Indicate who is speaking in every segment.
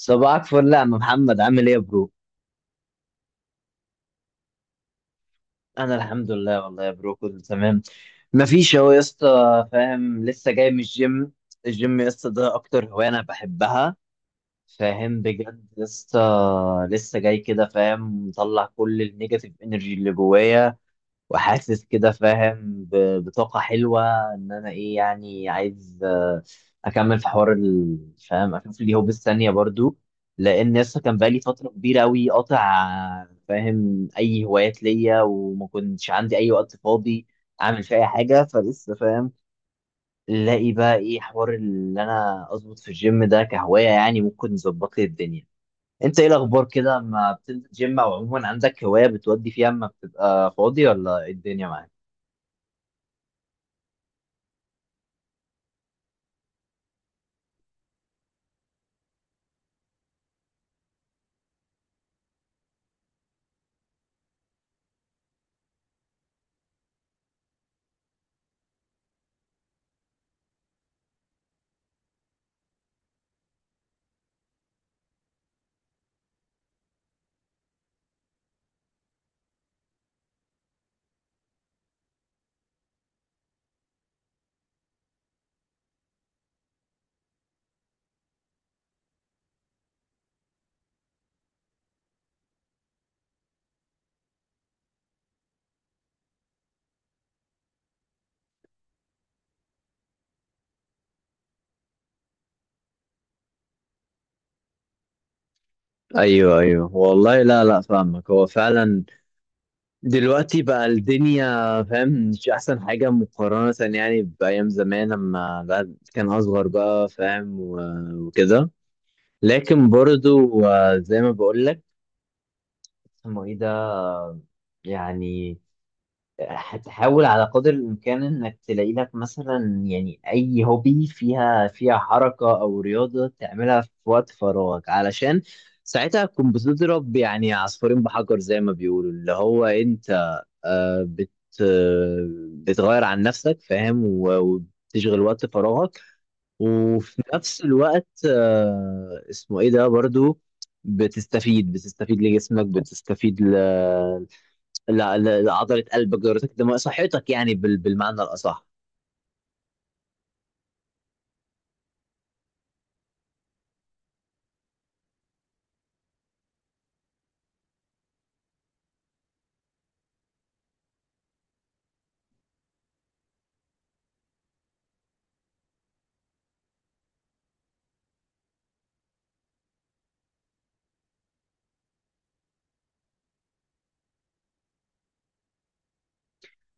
Speaker 1: صباحك فل يا عم محمد عامل ايه يا برو؟ انا الحمد لله والله يا برو كله تمام. مفيش اهو يا اسطى فاهم لسه جاي من الجيم. الجيم يا اسطى ده اكتر هوايه انا بحبها. فاهم بجد يا اسطى. لسه جاي كده فاهم مطلع كل النيجاتيف انرجي اللي جوايا وحاسس كده فاهم بطاقة حلوة. إن أنا إيه يعني عايز أكمل في حوار فاهم أشوف اليوم بالثانية برضو. لأن لسه كان بقالي فترة كبيرة أوي قاطع فاهم أي هوايات ليا وما كنتش عندي أي وقت فاضي أعمل فيه أي حاجة فلسه فاهم الاقي بقى إيه حوار اللي أنا أظبط في الجيم ده كهواية يعني ممكن يظبط لي الدنيا. أنت إيه الأخبار كده، ما بتنزل جيم أو عموما عندك هواية بتودي فيها أما بتبقى فاضي، ولا إيه الدنيا معاك؟ ايوه ايوه والله، لا لا فاهمك، هو فعلا دلوقتي بقى الدنيا فاهم مش احسن حاجه مقارنه يعني بايام زمان لما الواحد كان اصغر بقى فاهم وكده. لكن برضو، زي ما بقول لك اسمه ايه ده، يعني هتحاول على قدر الإمكان إنك تلاقي لك مثلا يعني أي هوبي فيها فيها حركة أو رياضة تعملها في وقت فراغك علشان ساعتها تكون بتضرب يعني عصفورين بحجر زي ما بيقولوا، اللي هو أنت آه، بت آه، بتغير عن نفسك فاهم وبتشغل وقت فراغك. وفي نفس الوقت اسمه إيه ده برضو بتستفيد لجسمك، بتستفيد لا لا، عضلة قلبك دورتك الدموية صحتك يعني بالمعنى الأصح.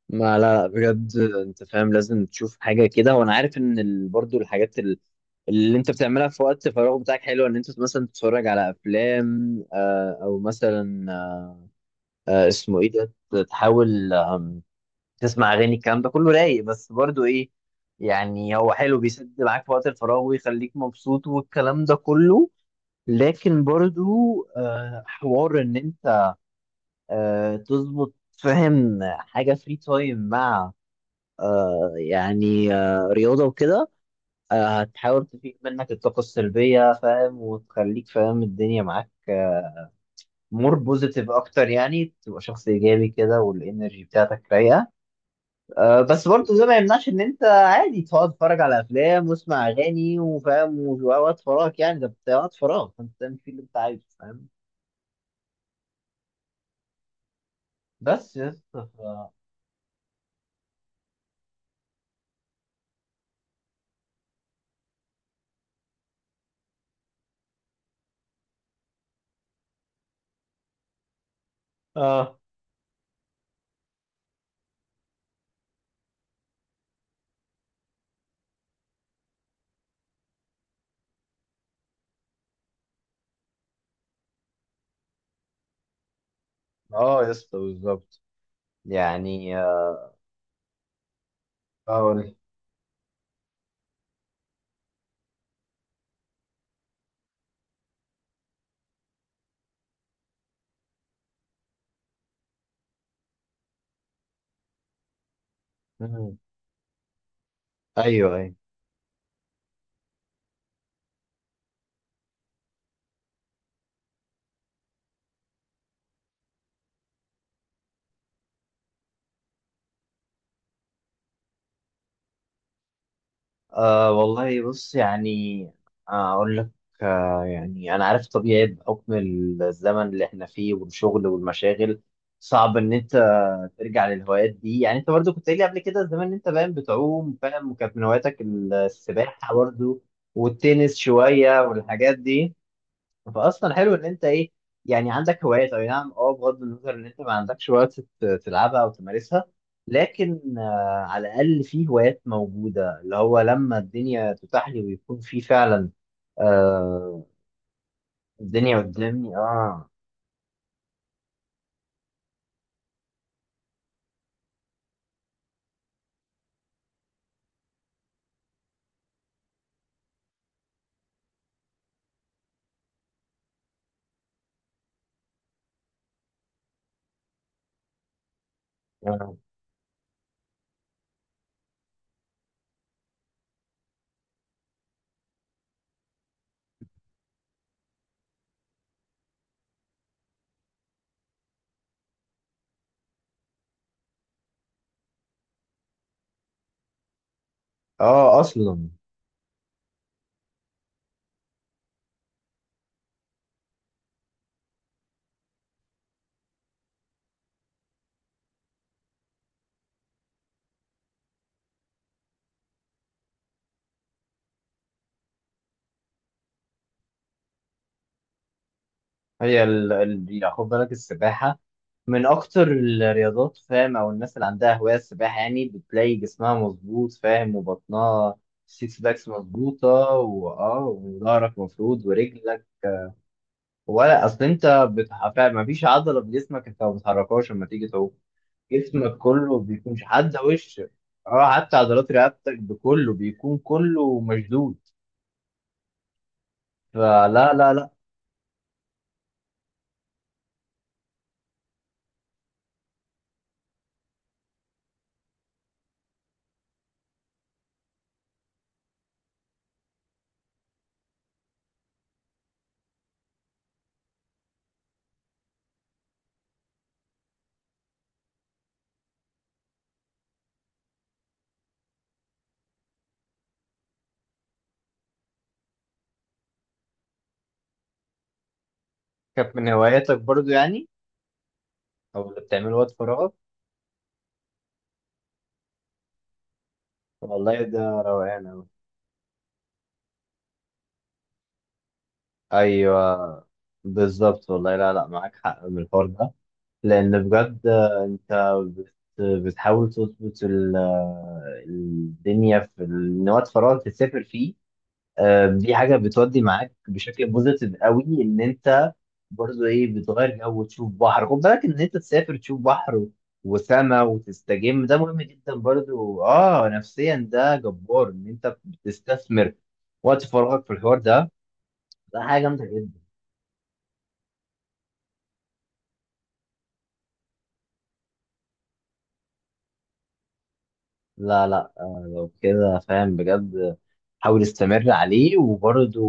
Speaker 1: ما لا لا، بجد أنت فاهم لازم تشوف حاجة كده، وأنا عارف إن برضو الحاجات اللي أنت بتعملها في وقت فراغ بتاعك حلوة. إن أنت مثلا تتفرج على أفلام أو مثلا اسمه إيه ده تحاول تسمع أغاني الكلام ده كله رايق، بس برضو إيه يعني هو حلو بيسد معاك في وقت الفراغ ويخليك مبسوط والكلام ده كله. لكن برضو حوار ان انت تظبط فاهم حاجة فري تايم مع رياضة وكده. هتحاول تفيق منك الطاقة السلبية فاهم وتخليك فاهم الدنيا معاك مور بوزيتيف أكتر، يعني تبقى شخص إيجابي كده والإنرجي بتاعتك رايقة. بس برضه ده ما يمنعش إن أنت عادي تقعد تتفرج على أفلام واسمع أغاني وفاهم ووقت فراغك، يعني ده بتاع وقت فراغ فأنت تعمل فيه اللي أنت عايزه فاهم. بس يا اسطى. اه اه، يا اسطى بالظبط. يعني أقول. مم. أيوه أيوه. أه والله بص يعني، أقول لك أه يعني أنا عارف طبيعي بحكم الزمن اللي إحنا فيه والشغل والمشاغل صعب إن أنت ترجع للهوايات دي. يعني أنت برضو كنت قايل لي قبل كده زمان إن أنت باين بتعوم، فاهم، وكانت من هواياتك السباحة برضو والتنس شوية والحاجات دي. فاصلا حلو ان انت ايه يعني عندك هوايات، اي نعم اه، بغض النظر ان انت ما عندكش وقت تلعبها او تمارسها. لكن على الاقل في هوايات موجوده، اللي هو لما الدنيا تتاح لي ويكون في فعلا آه الدنيا قدامي. اه اه اصلا هي يعني خد بالك السباحة من أكتر الرياضات فاهم، أو الناس اللي عندها هواية السباحة يعني بتلاقي جسمها مظبوط فاهم، وبطنها السيكس باكس مظبوطة، وآه وظهرك مفرود ورجلك. ولا أصل أنت فاهم مفيش عضلة في جسمك أنت ما بتحركهاش لما تيجي تعوم. جسمك كله بيكون حتى وش. اه حتى عضلات رقبتك بكله بيكون كله مشدود. فلا لا لا. كانت من هواياتك برضو يعني أو اللي بتعمله وقت فراغك. والله ده روقان أوي. أيوه بالظبط والله، لا لا معاك حق من الحوار ده، لأن بجد أنت بت- بتحاول تظبط الدنيا في إن وقت فراغك تسافر فيه. دي حاجة بتودي معاك بشكل بوزيتيف قوي إن أنت برضو إيه، بتغير جو وتشوف بحر، خد بالك إن أنت تسافر تشوف بحر وسما وتستجم، ده مهم جدا برضو نفسيا ده جبار إن أنت بتستثمر وقت فراغك في الحوار ده. لا، حاجة جامدة جدا. لا لا، لو كده فاهم بجد حاول استمر عليه، وبرضه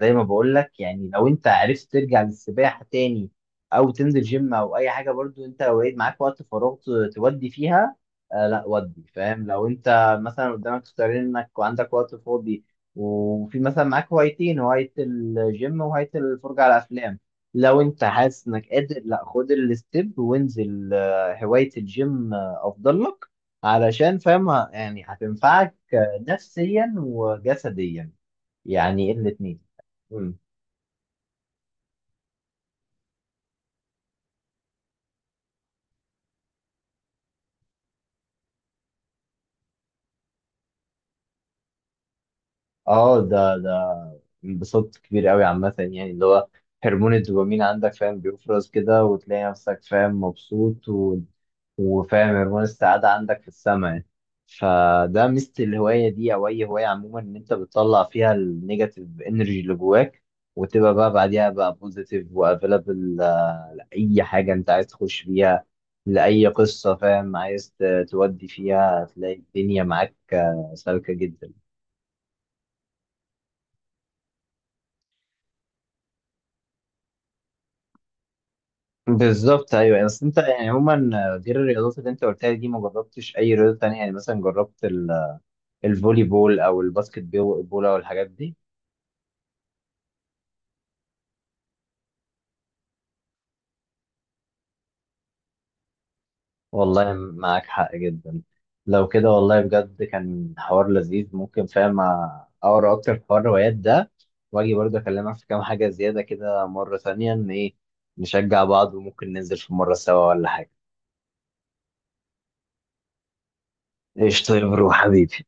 Speaker 1: زي ما بقول لك يعني لو انت عرفت ترجع للسباحة تاني او تنزل جيم او اي حاجة، برضه انت لو لقيت معاك وقت فراغ تودي فيها، لا ودي فاهم. لو انت مثلا قدامك اختيارين انك وعندك وقت فاضي وفي مثلا معاك هوايتين، هواية الجيم وهواية الفرجة على افلام، لو انت حاسس انك قادر، لا خد الستيب وانزل، هواية الجيم افضل لك علشان فاهم يعني هتنفعك نفسيا وجسديا، يعني الاتنين. مم. اه ده انبساط كبير قوي عامة، يعني اللي هو هرمون الدوبامين عندك فاهم بيفرز كده وتلاقي نفسك فاهم مبسوط و... وفاهم هرمون السعادة عندك في السماء يعني. فده ميزة الهواية دي أو أي هواية عموما، إن أنت بتطلع فيها النيجاتيف إنرجي اللي جواك وتبقى بقى بعديها بقى بوزيتيف وأفيلابل لأي حاجة أنت عايز تخش فيها، لأي قصة فاهم عايز تودي فيها. هتلاقي الدنيا معاك سالكة جدا. بالظبط ايوه، يعني اصل انت يعني عموما غير الرياضات اللي انت قلتها دي ما جربتش اي رياضه تانية؟ يعني مثلا جربت الفولي بول او الباسكت بول او الحاجات دي. والله معاك حق جدا، لو كده والله بجد كان حوار لذيذ. ممكن فاهم اقرا اكتر في حوار الروايات ده، واجي برضه اكلمك في كام حاجه زياده كده مره ثانيه، ان ايه نشجع بعض وممكن ننزل في مره سوا ولا حاجه. ايش؟ طيب روح حبيبي.